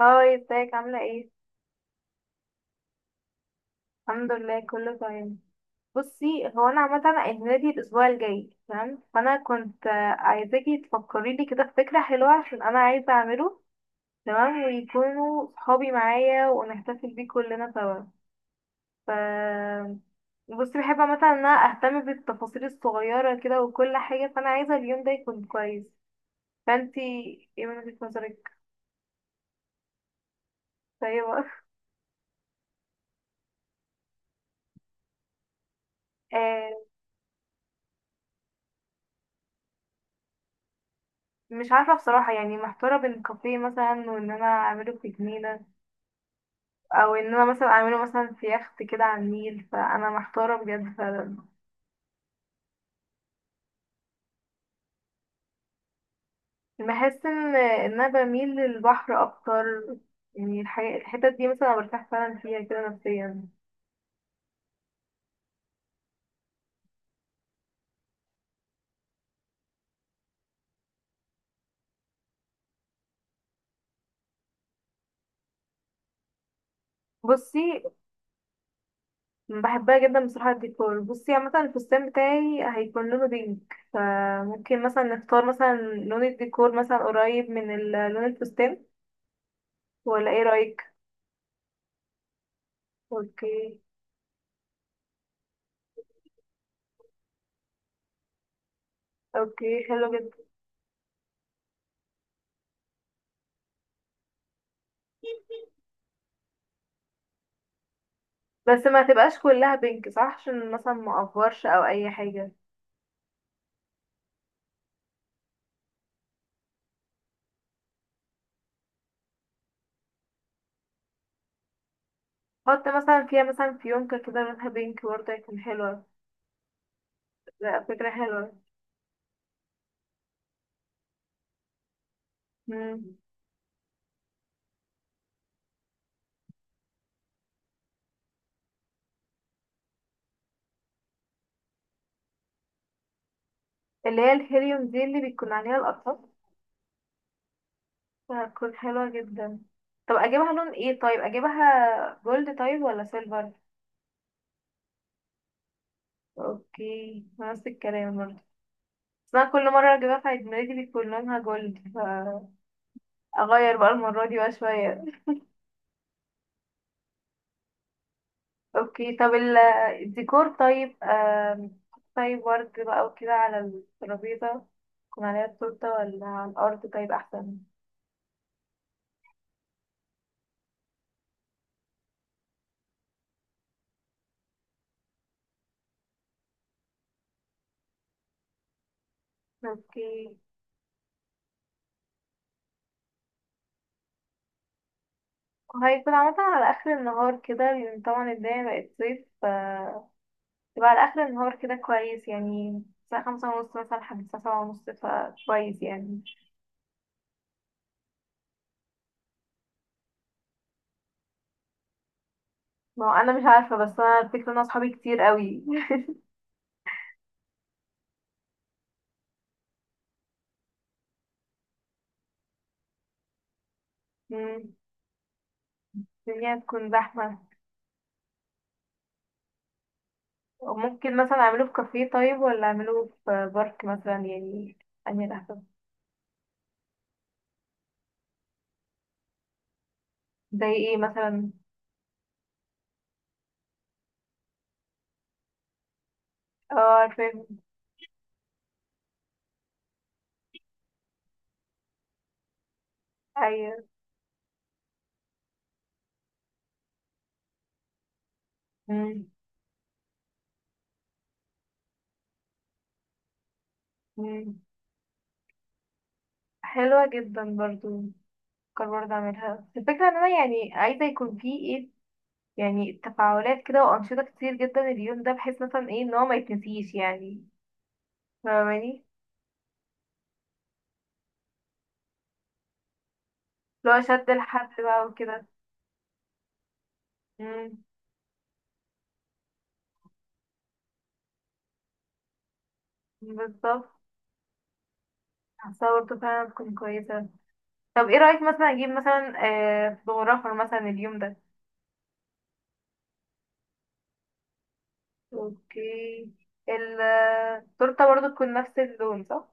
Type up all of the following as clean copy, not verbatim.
هاي، ازيك؟ عاملة ايه؟ الحمد لله كله تمام. بصي، هو انا عامة عيد ميلادي الاسبوع الجاي، تمام؟ فانا كنت عايزاكي تفكري لي كده في فكرة حلوة عشان انا عايزة اعمله تمام، ويكونوا صحابي معايا ونحتفل بيه كلنا سوا. ف بصي، بحب عامة ان انا اهتم بالتفاصيل الصغيرة كده وكل حاجة، فانا عايزة اليوم ده يكون كويس. فانتي ايه من وجهة نظرك؟ طيب. آه، مش عارفة بصراحة، يعني محتارة بين كافيه مثلا وان انا اعمله في جنينة، او ان انا مثلا اعمله مثلا في يخت كده على النيل، فانا محتاره بجد فعلا. بحس ان انا بميل للبحر اكتر، يعني الحتت دي مثلا أنا برتاح فعلا فيها كده نفسيا. بصي، بحبها جدا بصراحه الديكور. بصي عامه الفستان بتاعي هيكون لونه بينك، فممكن مثلا نختار مثلا لون الديكور مثلا قريب من لون الفستان، ولا ايه رايك؟ اوكي. اوكي حلو جدا. بس ما تبقاش كلها بينك صح، عشان مثلا ما اقفرش او اي حاجه. حط مثلا فيها مثلا فيونكة كده لونها بينك برضه، هيكون حلوة. لا فكرة حلوة. مم. اللي هي الهيليوم دي اللي بيكون عليها الأطراف، هتكون حلوة جدا. طب أجيبها لون ايه؟ طيب أجيبها جولد طيب ولا سيلفر؟ اوكي نفس الكلام برضه، بس أنا كل مرة أجيبها في عيد ميلادي بيكون لونها جولد، فأغير بقى المرة دي بقى شوية. اوكي طب الديكور طيب. طيب ورد بقى وكده على الترابيزة، يكون عليها التورتة ولا على الأرض طيب أحسن؟ اوكي. وهيكون عامة على آخر النهار كده، لأن طبعا الدنيا بقت صيف، ف يبقى على آخر النهار كده كويس، يعني الساعة 5:30 مثلا لحد الساعة 7:30، فكويس يعني. ما هو أنا مش عارفة، بس أنا الفكرة إن أنا أصحابي كتير قوي. مم، الدنيا هتكون زحمة. ممكن مثلا أعمله في كافيه طيب، ولا أعمله في بارك مثلا يعني؟ أنهي الأحسن؟ زي إيه مثلا؟ اه عارفة. أيوة. مم. مم. حلوة جدا برضو. بفكر برضه اعملها. الفكرة ان انا يعني عايزة يكون في ايه، يعني تفاعلات كده وانشطة كتير جدا اليوم ده، بحيث مثلا ايه ان هو ما يتنسيش يعني. فاهماني؟ لو شد الحبل بقى وكده. امم. بالظبط. حاسة برضه فعلا تكون كويسة. طب ايه رأيك مثلا اجيب مثلا آه فوتوغرافر مثلا اليوم ده؟ اوكي. التورتة برضه تكون نفس اللون صح؟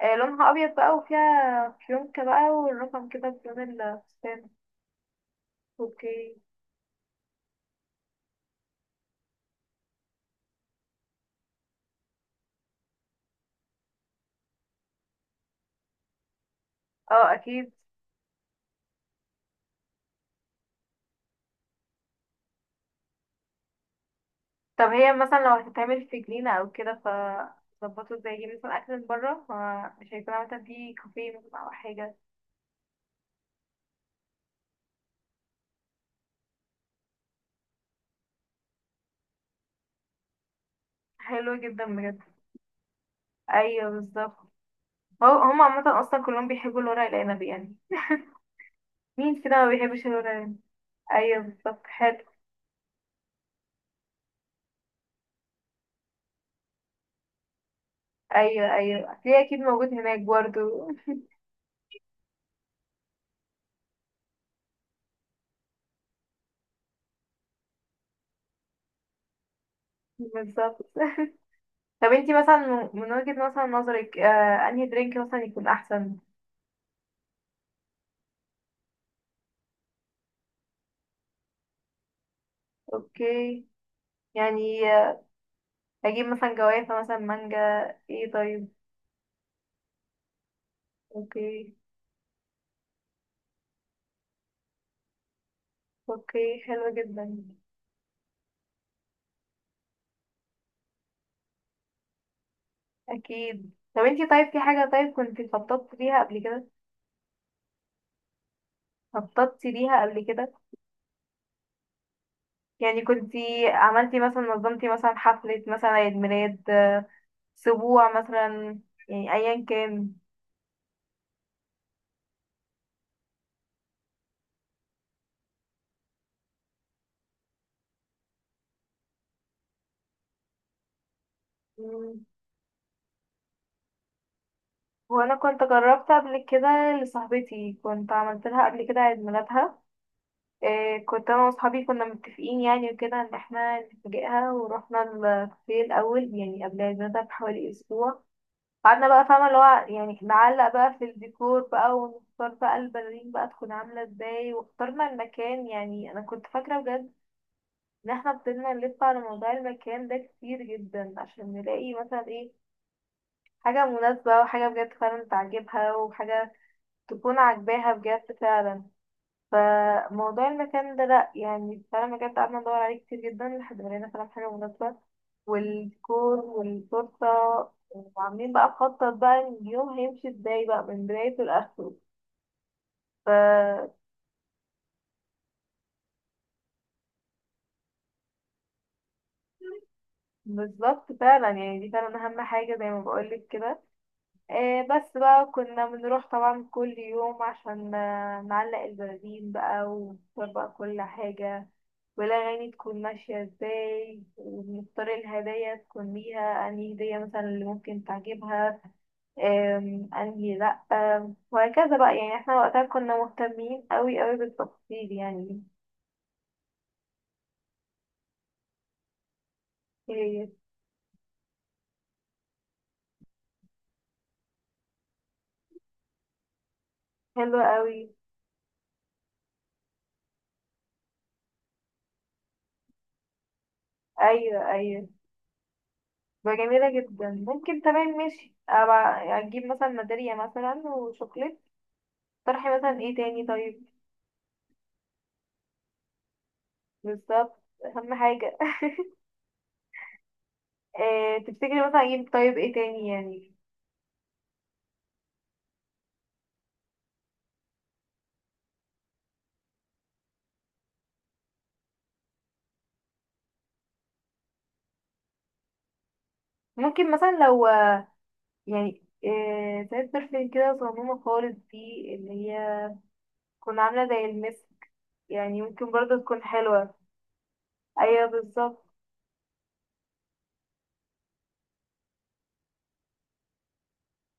آه لونها ابيض بقى، وفيها فيونكة بقى، والرقم كده بلون الفستان. اوكي. اه اكيد. طب هي مثلا لو هتتعمل في جنينة او كده، ف ظبطوا ازاي يجيب مثلا اكل من بره، فمش هيكون مثلا في كافيه مثلا او حاجة. حلوة جدا بجد. ايوه بالظبط. هو هم عامة اصلا كلهم بيحبوا الورق العنب يعني، مين كده ما بيحبش الورق العنب؟ ايوه بالظبط، حلو. ايوه ايوه هتلاقيه اكيد موجود هناك برضو. بالظبط. طب انتي مثلا من وجهة مثلا نظرك آه انهي درينك مثلا يكون احسن؟ اوكي. يعني اجيب مثلا جوافة مثلا مانجا، ايه طيب؟ اوكي. اوكي حلو جدا. اكيد. طب انتي طيب في حاجة طيب كنتي خططتي ليها قبل كده؟ خططتي ليها قبل كده؟ يعني كنتي عملتي مثلا، نظمتي مثلا حفلة مثلا عيد ميلاد، اسبوع مثلا، يعني ايا كان. مم. وانا كنت جربت قبل كده، لصاحبتي كنت عملت لها قبل كده عيد ميلادها. كنت انا واصحابي كنا متفقين يعني وكده ان احنا نفاجئها، ورحنا الكافيه الاول يعني قبل عيد ميلادها بحوالي اسبوع. قعدنا بقى فاهمة اللي هو يعني نعلق بقى في الديكور بقى، ونختار بقى البلالين بقى تكون عاملة ازاي، واخترنا المكان. يعني انا كنت فاكرة بجد ان احنا فضلنا نلف على موضوع المكان ده كتير جدا عشان نلاقي مثلا ايه حاجة مناسبة وحاجة بجد فعلا تعجبها، وحاجة تكون عاجباها بجد فعلا. فموضوع المكان ده لأ يعني، فعلا بجد قعدنا ندور عليه كتير جدا لحد ما لقينا فعلا حاجة مناسبة. والديكور والتورتة، وعاملين بقى مخطط بقى اليوم هيمشي ازاي بقى من بدايته لآخره. ف بالظبط فعلا، يعني دي فعلا أهم حاجة زي ما بقولك كده. آه بس بقى كنا بنروح طبعا كل يوم عشان نعلق البرازيل بقى ونختار بقى كل حاجة، والأغاني تكون ماشية ازاي، ونختار الهدايا تكون ليها أنهي هدية مثلا اللي ممكن تعجبها. أنهي لأ. وهكذا بقى، يعني احنا وقتها كنا مهتمين أوي أوي بالتفاصيل يعني. إيه؟ حلوة أوي. أيوة أيوة. بقى جميلة جدا، ممكن تمام ماشي أبقى أجيب مثلا ميدالية مثلا وشوكليت. طرحي مثلا ايه تاني طيب؟ بالظبط أهم حاجة. إيه تفتكري مثلا أجيب طيب، ايه تاني يعني؟ ممكن مثلا لو، يعني ساعات برفان كده صغنونة خالص دي، اللي هي تكون عاملة زي المس، يعني ممكن برضه تكون حلوة. أيوة بالظبط.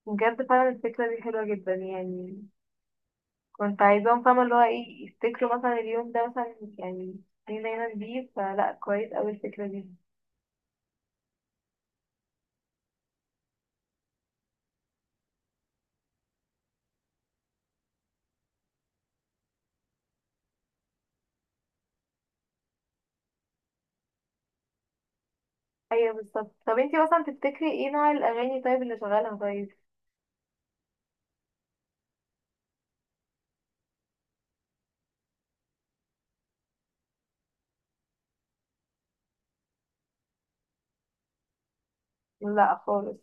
بجد فعلا الفكرة دي حلوة جدا يعني، كنت عايزاهم فاهمة اللي هو ايه يفتكروا مثلا اليوم ده مثلا يعني، دي دايما بيه فلا كويس أوي الفكرة دي. أيوة بالظبط. طب انتي مثلا تفتكري ايه نوع الأغاني طيب اللي شغالها طيب؟ لا خالص.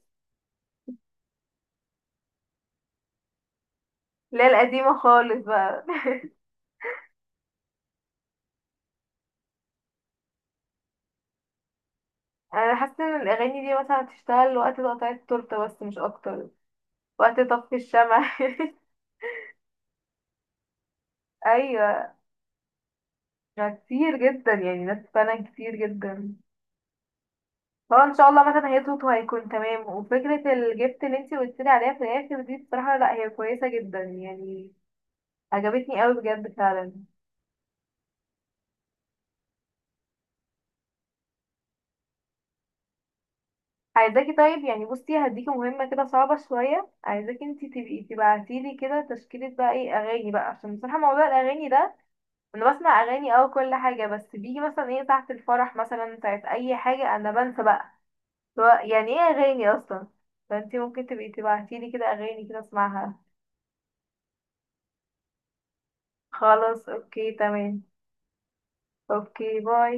لا القديمة خالص بقى. انا حاسة ان الأغاني دي مثلا هتشتغل وقت تقطيع التورتة بس مش أكتر، وقت طفي الشمع. ايوه. ما كتير جدا يعني، ناس فعلا كتير جدا. هو ان شاء الله مثلا هيظبط وهيكون تمام. وفكره الجبت اللي انتي قلت لي عليها في الاخر دي بصراحه لا هي كويسه جدا يعني، عجبتني قوي بجد فعلا. عايزاكي طيب يعني، بصي هديكي مهمه كده صعبه شويه، عايزاكي انتي تبقي تبعتيلي كده تشكيله بقى ايه اغاني بقى، عشان بصراحه موضوع الاغاني ده انا بسمع اغاني او كل حاجه، بس بيجي مثلا ايه ساعه الفرح مثلا، ساعه اي حاجه انا بنسى بقى هو يعني ايه اغاني اصلا. فانتي ممكن تبقي تبعتيلي كده اغاني كده اسمعها. خلاص اوكي تمام. اوكي باي.